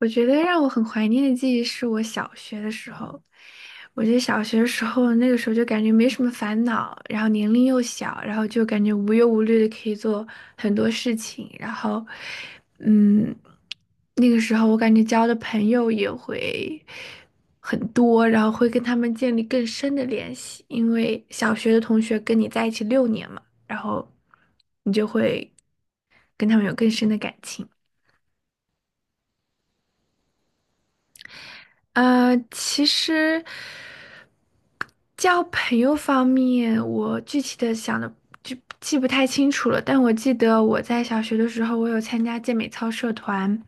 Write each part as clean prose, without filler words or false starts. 我觉得让我很怀念的记忆是我小学的时候。我觉得小学的时候，那个时候就感觉没什么烦恼，然后年龄又小，然后就感觉无忧无虑的可以做很多事情。然后，嗯，那个时候我感觉交的朋友也会很多，然后会跟他们建立更深的联系，因为小学的同学跟你在一起六年嘛，然后你就会跟他们有更深的感情。其实交朋友方面，我具体的想的就记不太清楚了，但我记得我在小学的时候，我有参加健美操社团，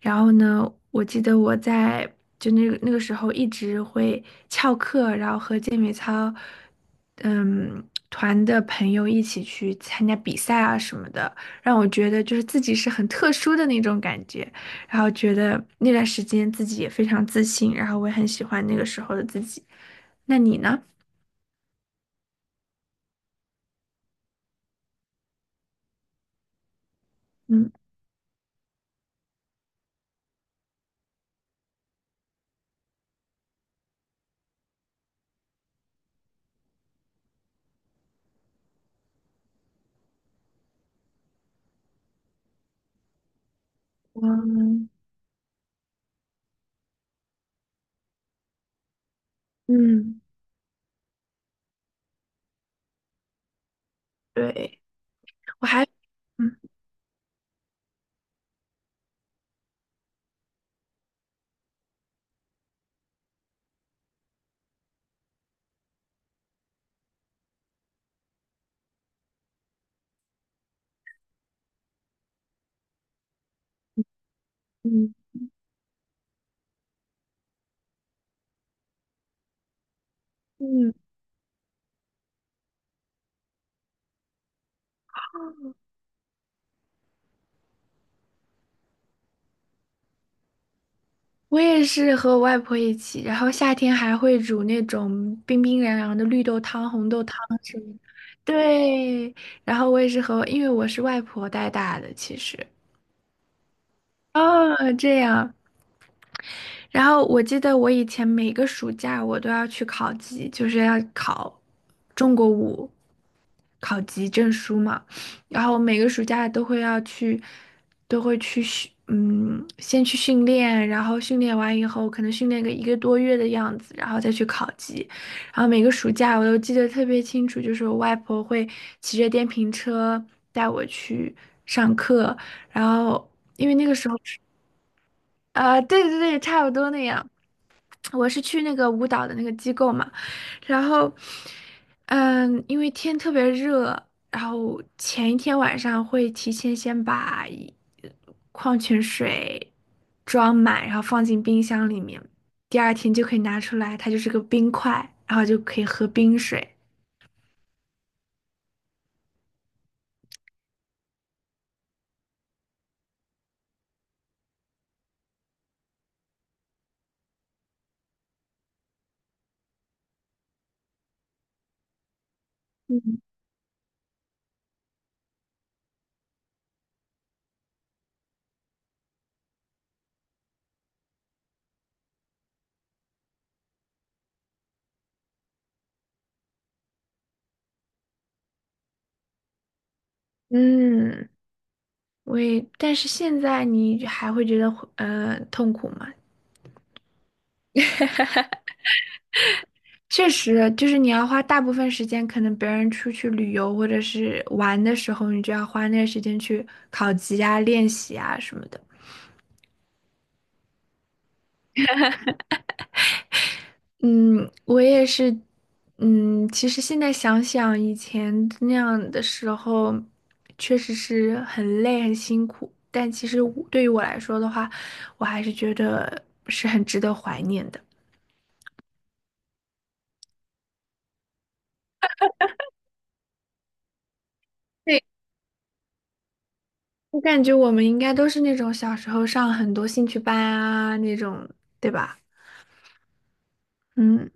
然后呢，我记得我在就那个时候一直会翘课，然后和健美操嗯团的朋友一起去参加比赛啊什么的，让我觉得就是自己是很特殊的那种感觉。然后觉得那段时间自己也非常自信，然后我也很喜欢那个时候的自己。那你呢？嗯，我嗯，对，我还嗯嗯嗯，我也是和我外婆一起，然后夏天还会煮那种冰冰凉凉的绿豆汤、红豆汤什么的。对，然后我也是和，因为我是外婆带大的，其实。哦，这样，然后我记得我以前每个暑假我都要去考级，就是要考中国舞考级证书嘛。然后每个暑假都会要去，都会去训，嗯，先去训练，然后训练完以后，可能训练个一个多月的样子，然后再去考级。然后每个暑假我都记得特别清楚，就是我外婆会骑着电瓶车带我去上课，然后因为那个时候，啊、对对对，差不多那样。我是去那个舞蹈的那个机构嘛，然后，因为天特别热，然后前一天晚上会提前先把一矿泉水装满，然后放进冰箱里面，第二天就可以拿出来，它就是个冰块，然后就可以喝冰水。嗯，嗯，我也，但是现在你还会觉得痛苦吗？确实，就是你要花大部分时间，可能别人出去旅游或者是玩的时候，你就要花那个时间去考级啊、练习啊什么的。嗯，我也是，其实现在想想以前那样的时候，确实是很累、很辛苦，但其实我对于我来说的话，我还是觉得是很值得怀念的。对，我感觉我们应该都是那种小时候上很多兴趣班啊那种，对吧？嗯。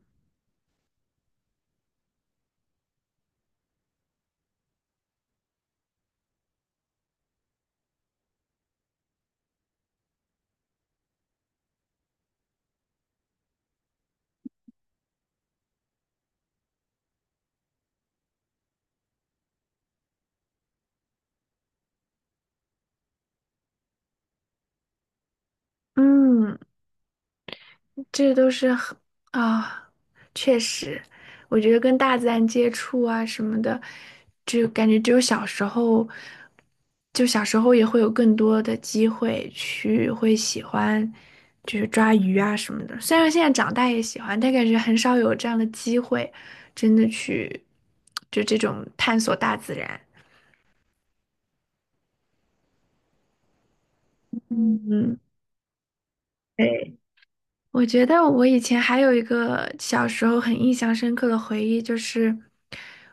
嗯，这都是很啊，确实，我觉得跟大自然接触啊什么的，就感觉只有小时候，就小时候也会有更多的机会去会喜欢，就是抓鱼啊什么的。虽然现在长大也喜欢，但感觉很少有这样的机会，真的去就这种探索大自然。嗯，对。我觉得我以前还有一个小时候很印象深刻的回忆，就是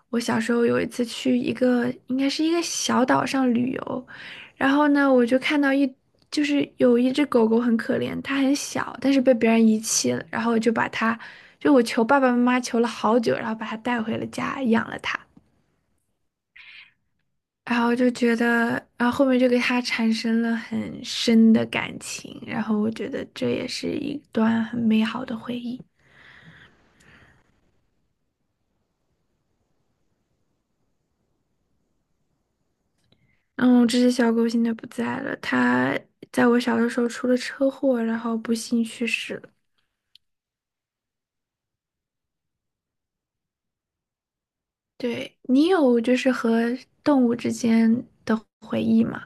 我小时候有一次去一个应该是一个小岛上旅游，然后呢，我就看到就是有一只狗狗很可怜，它很小，但是被别人遗弃了，然后我就把它，就我求爸爸妈妈求了好久，然后把它带回了家，养了它。然后就觉得，然后后面就给它产生了很深的感情，然后我觉得这也是一段很美好的回忆。嗯，这只小狗现在不在了，它在我小的时候出了车祸，然后不幸去世了。对，你有就是和动物之间的回忆吗？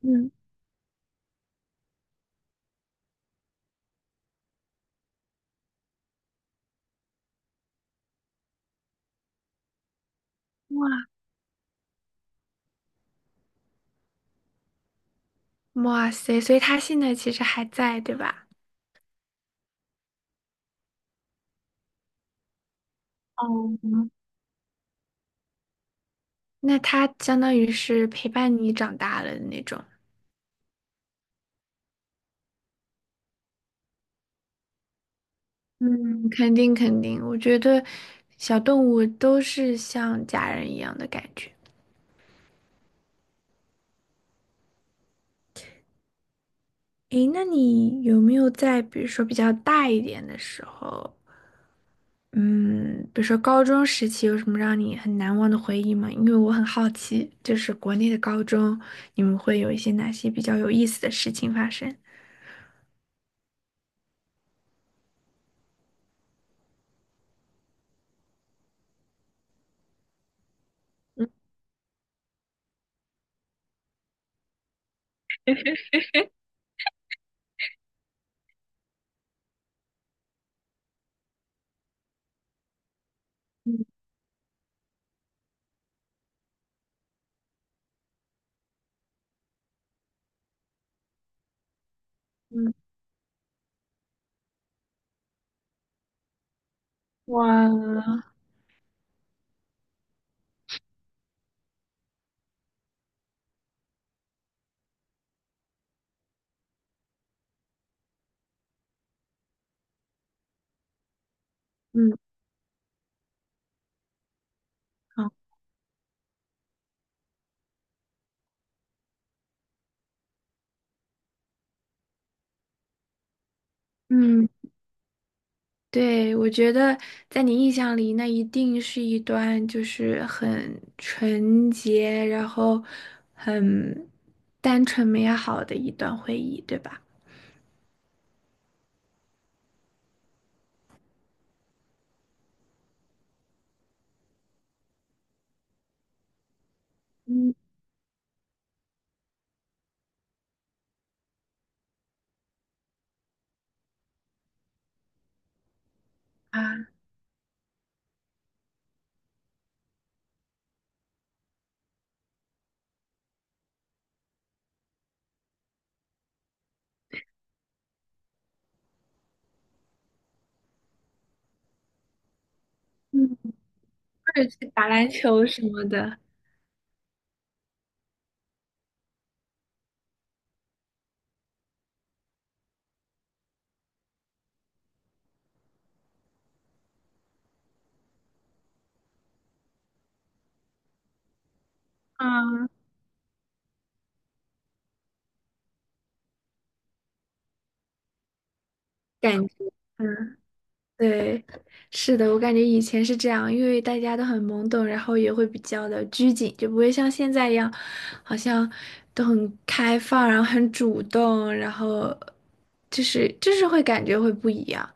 嗯，哇塞，所以它现在其实还在，对吧？哦，那它相当于是陪伴你长大了的那种。嗯，肯定肯定，我觉得小动物都是像家人一样的感觉。诶，那你有没有在比如说比较大一点的时候？嗯，比如说高中时期有什么让你很难忘的回忆吗？因为我很好奇，就是国内的高中，你们会有一些哪些比较有意思的事情发生？嗯嗯嗯，哇，嗯好嗯，对，我觉得在你印象里，那一定是一段就是很纯洁，然后很单纯美好的一段回忆，对吧？嗯啊嗯，或者去打篮球什么的。感觉，嗯，对，是的，我感觉以前是这样，因为大家都很懵懂，然后也会比较的拘谨，就不会像现在一样，好像都很开放，然后很主动，然后就是会感觉会不一样。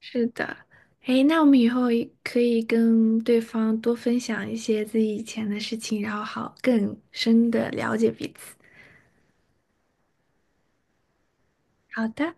是的，哎，那我们以后也可以跟对方多分享一些自己以前的事情，然后好更深的了解彼此。好的。